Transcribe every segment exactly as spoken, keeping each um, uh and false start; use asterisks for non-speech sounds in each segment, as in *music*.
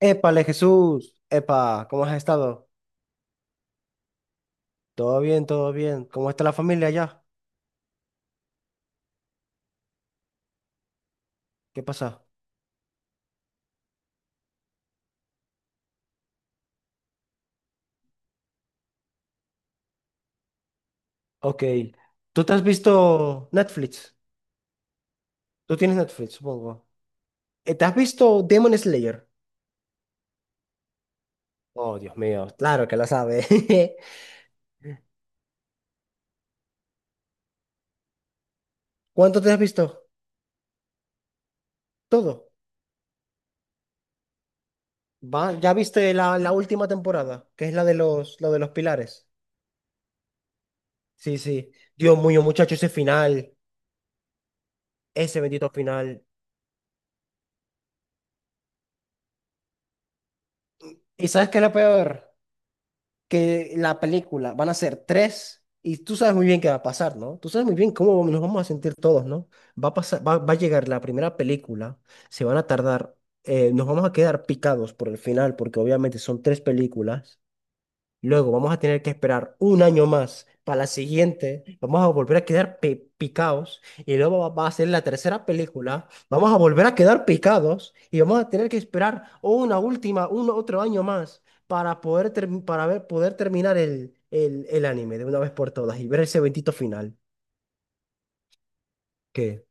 Épale, Jesús. Epa, ¿cómo has estado? Todo bien, todo bien. ¿Cómo está la familia allá? ¿Qué pasa? Ok. ¿Tú te has visto Netflix? Tú tienes Netflix, supongo. Eh, ¿Te has visto Demon Slayer? Oh, Dios mío, claro que lo sabes. *laughs* ¿Cuánto te has visto? Todo. ¿Va? ¿Ya viste la, la última temporada? Que es la de los, la de los pilares. Sí, sí. Dios mío, muchacho, ese final. Ese bendito final. ¿Y sabes qué es lo peor? Que la película van a ser tres y tú sabes muy bien qué va a pasar, ¿no? Tú sabes muy bien cómo nos vamos a sentir todos, ¿no? Va a pasar, va, va a llegar la primera película, se van a tardar, eh, nos vamos a quedar picados por el final porque obviamente son tres películas. Luego vamos a tener que esperar un año más para la siguiente. Vamos a volver a quedar pe- picados. Y luego va va a ser la tercera película. Vamos a volver a quedar picados. Y vamos a tener que esperar una última, un otro año más para poder, term- para ver, poder terminar el, el, el anime de una vez por todas y ver ese bendito final. ¿Qué?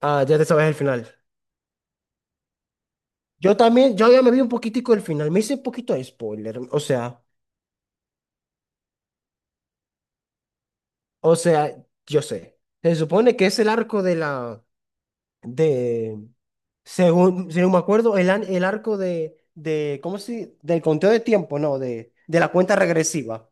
Ah, ya te sabes el final. Yo también, yo ya me vi un poquitico el final. Me hice un poquito de spoiler. O sea, o sea, yo sé. Se supone que es el arco de la, de, según, según me acuerdo, el, an- el arco de, de, ¿cómo se? Del conteo de tiempo, no, de, de la cuenta regresiva.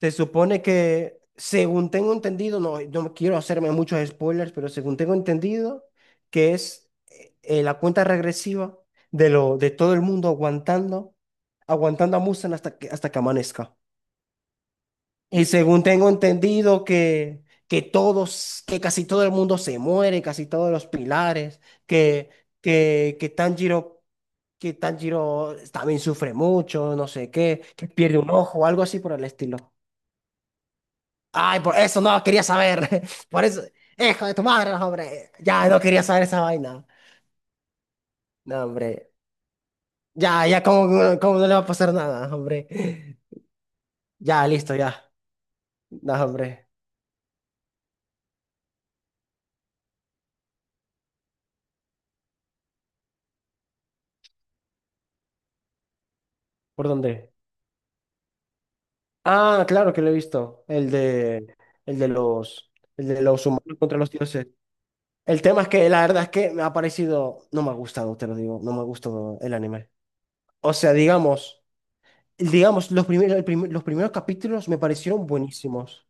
Se supone que, según tengo entendido, no, no quiero hacerme muchos spoilers, pero según tengo entendido, que es eh, eh, la cuenta regresiva de lo, de todo el mundo aguantando, aguantando, a Mustang hasta que, hasta que amanezca. Y según tengo entendido que, que todos, que casi todo el mundo se muere, casi todos los pilares, que, que, que Tanjiro, que Tanjiro también sufre mucho, no sé qué, que pierde un ojo, algo así por el estilo. Ay, por eso no quería saber. *laughs* Por eso, hijo de tu madre, no, hombre. Ya no quería saber esa vaina. No, hombre. Ya, ya, ¿cómo, cómo no le va a pasar nada, hombre? Ya, listo, ya. No, hombre. ¿Por dónde? Ah, claro que lo he visto. El de, el de los, el de los humanos contra los dioses. El tema es que la verdad es que me ha parecido, no me ha gustado, te lo digo, no me ha gustado el anime. O sea, digamos, digamos, los primeros, los primeros capítulos me parecieron buenísimos.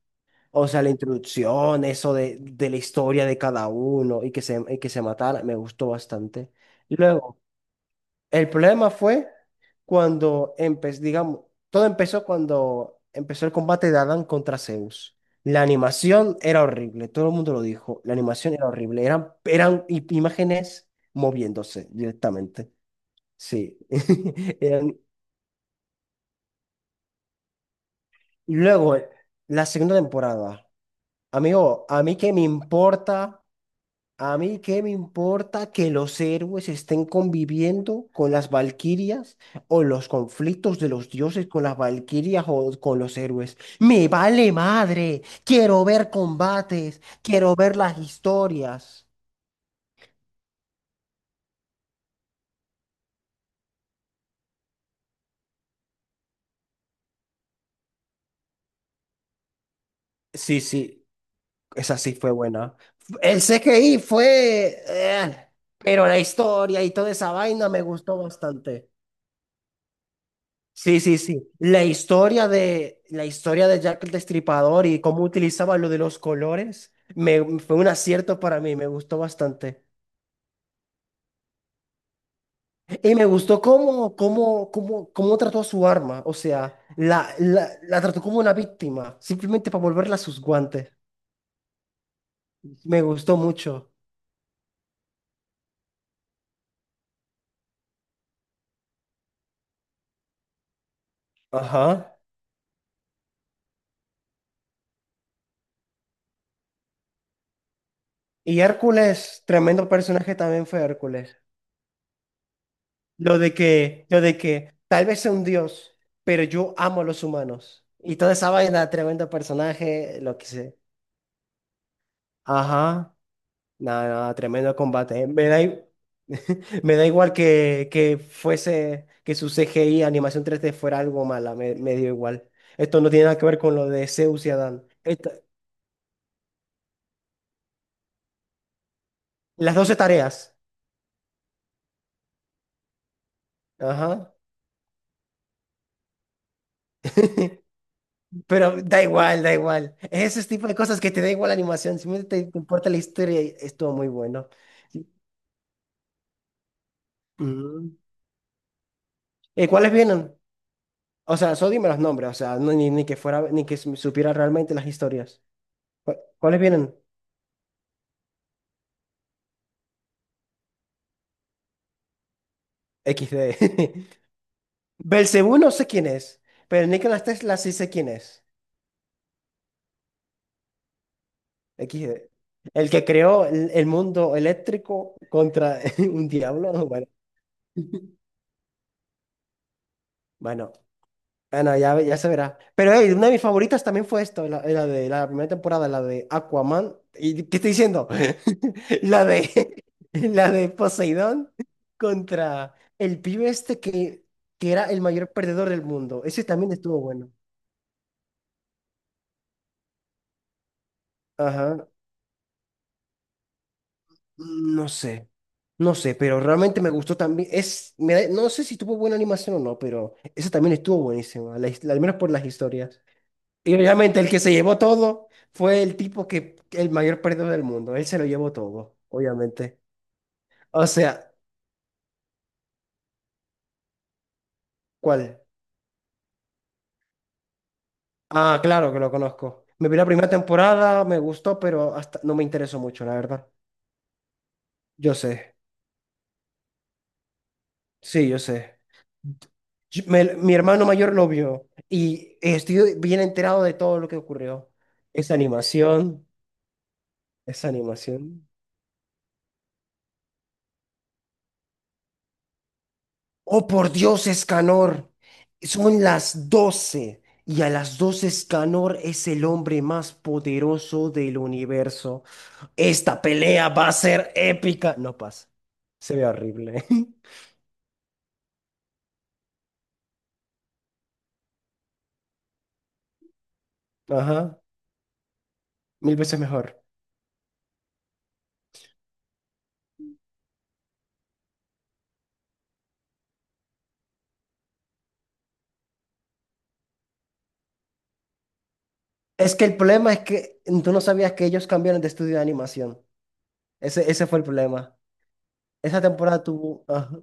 O sea, la introducción, eso de, de la historia de cada uno y que se, y que se matara, me gustó bastante. Luego, el problema fue cuando empezó, digamos, todo empezó cuando empezó el combate de Adán contra Zeus. La animación era horrible, todo el mundo lo dijo, la animación era horrible, eran, eran i- imágenes moviéndose directamente, sí. *laughs* Eran- y luego, la segunda temporada, amigo, ¿a mí qué me importa? A mí qué me importa que los héroes estén conviviendo con las valquirias o los conflictos de los dioses con las valquirias o con los héroes. Me vale madre. Quiero ver combates. Quiero ver las historias. Sí, sí, esa sí fue buena. El C G I fue, eh, pero la historia y toda esa vaina me gustó bastante. Sí, sí, sí. La historia de, la historia de Jack el Destripador y cómo utilizaba lo de los colores me, fue un acierto para mí, me gustó bastante. Y me gustó cómo, cómo, cómo, cómo trató a su arma, o sea, la, la, la trató como una víctima, simplemente para volverla a sus guantes. Me gustó mucho. Ajá. Y Hércules, tremendo personaje también fue Hércules. Lo de que, lo de que tal vez sea un dios, pero yo amo a los humanos. Y toda esa vaina, tremendo personaje, lo que sé. Ajá. Nada, nada, tremendo combate. Me da, i- *laughs* me da igual que, que fuese, que su C G I, animación tres D fuera algo mala, me, me dio igual. Esto no tiene nada que ver con lo de Zeus y Adán. Esta- las doce tareas. Ajá. *laughs* Pero da igual, da igual. Es ese tipo de cosas que te da igual la animación. Si te, te importa la historia, estuvo muy bueno. Mm. ¿Y cuáles vienen? O sea, solo dime los nombres, o sea, no- ni, ni que fuera, ni que su- supiera realmente las historias. ¿Cu- ¿Cuáles vienen? equis de. *laughs* Belcebú no sé quién es, pero Nikola Tesla sí sé quién es. equis de. El que creó el, el mundo eléctrico contra *laughs* un diablo. ¿No? Bueno, *laughs* bueno. Ah, no, ya, ve- ya se verá. Pero hey, una de mis favoritas también fue esto, la, la de la primera temporada, la de Aquaman. ¿Y qué estoy diciendo? *laughs* La de, *laughs* la de Poseidón contra el pibe este que, que era el mayor perdedor del mundo. Ese también estuvo bueno. Ajá. Mm, no sé. No sé, pero realmente me gustó también. Es, me da- no sé si tuvo buena animación o no, pero esa también estuvo buenísima, la his- al menos por las historias. Y obviamente el que se llevó todo fue el tipo que, el mayor perdedor del mundo. Él se lo llevó todo, obviamente. O sea, ¿cuál? Ah, claro que lo conozco. Me vi la primera temporada, me gustó, pero hasta no me interesó mucho, la verdad. Yo sé, sí, yo sé. Yo- me- mi hermano mayor lo vio y estoy bien enterado de todo lo que ocurrió. Esa animación, esa animación. Oh, por Dios, Escanor, son las doce y a las doce Escanor es el hombre más poderoso del universo. Esta pelea va a ser épica. No pasa, se ve horrible. *laughs* Ajá, mil veces mejor. Es que el problema es que tú no sabías que ellos cambiaron de estudio de animación. Ese, ese fue el problema. Esa temporada tuvo, ajá.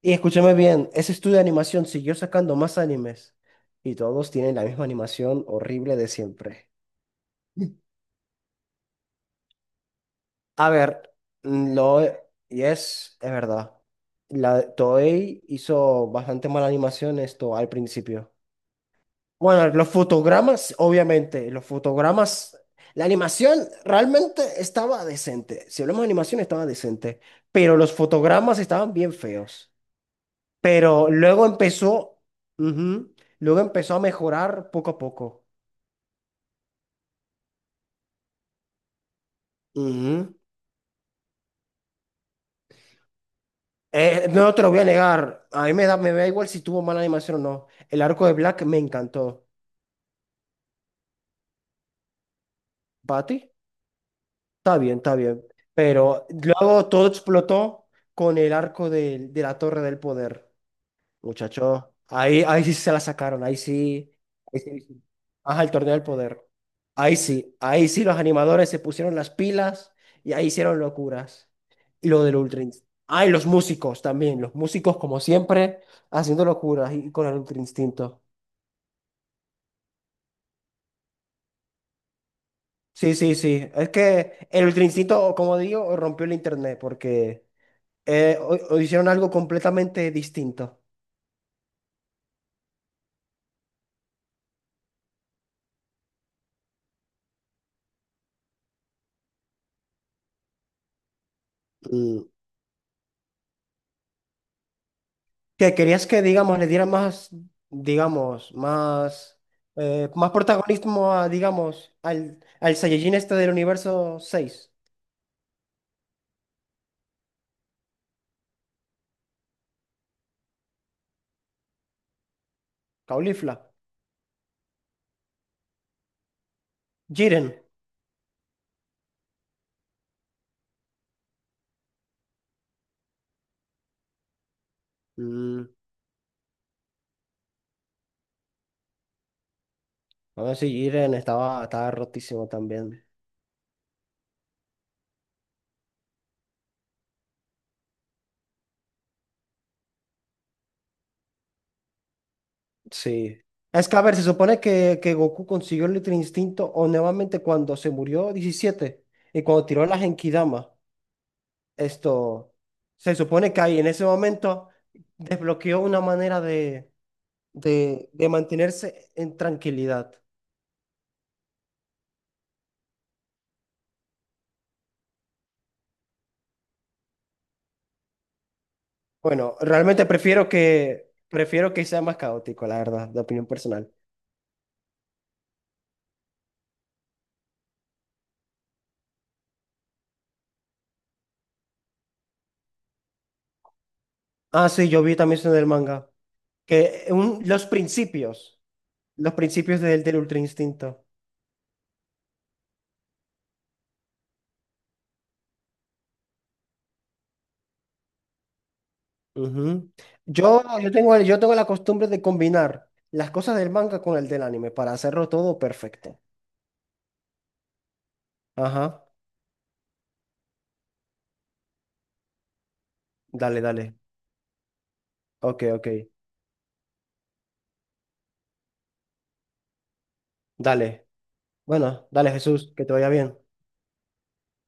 Y escúchame bien, ese estudio de animación siguió sacando más animes y todos tienen la misma animación horrible de siempre. A ver, lo y es, es verdad. La Toei hizo bastante mala animación esto al principio. Bueno, los fotogramas, obviamente, los fotogramas, la animación realmente estaba decente. Si hablamos de animación, estaba decente, pero los fotogramas estaban bien feos. Pero luego empezó, ujú, luego empezó a mejorar poco a poco. Ujú. Eh, no te lo voy a negar. A mí me da, me da igual si tuvo mala animación o no. El arco de Black me encantó. ¿Bati? Está bien, está bien. Pero luego todo explotó con el arco del- de, la Torre del Poder. Muchacho, ahí, ahí sí se la sacaron. Ahí sí. Ahí sí. Ajá, el Torneo del Poder. Ahí sí. Ahí sí los animadores se pusieron las pilas y ahí hicieron locuras. Y lo del Ultra Instinto. Ah, y los músicos también. Los músicos, como siempre, haciendo locuras y con el Ultra Instinto. Sí, sí, sí. Es que el Grincito, como digo, rompió el internet porque eh, o- o hicieron algo completamente distinto. Mm. Que querías que, digamos, le dieran más, digamos, más, eh, más protagonismo a, digamos, al, al Saiyajin este del universo seis Caulifla, Jiren. Mm. A ver si Jiren estaba, estaba rotísimo también. Sí. Es que, a ver, se supone que, que Goku consiguió el Ultra Instinto o nuevamente cuando se murió diecisiete y cuando tiró la Genkidama. Esto, se supone que ahí en ese momento desbloqueó una manera de, de, de mantenerse en tranquilidad. Bueno, realmente prefiero que, prefiero que sea más caótico, la verdad, de opinión personal. Ah, sí, yo vi también eso en el manga. Que un- los principios, los principios del, del Ultra Instinto. Ujú. Yo, yo tengo, el- yo tengo la costumbre de combinar las cosas del manga con el del anime para hacerlo todo perfecto. Ajá. Dale, dale. Ok, ok. Dale. Bueno, dale, Jesús, que te vaya bien.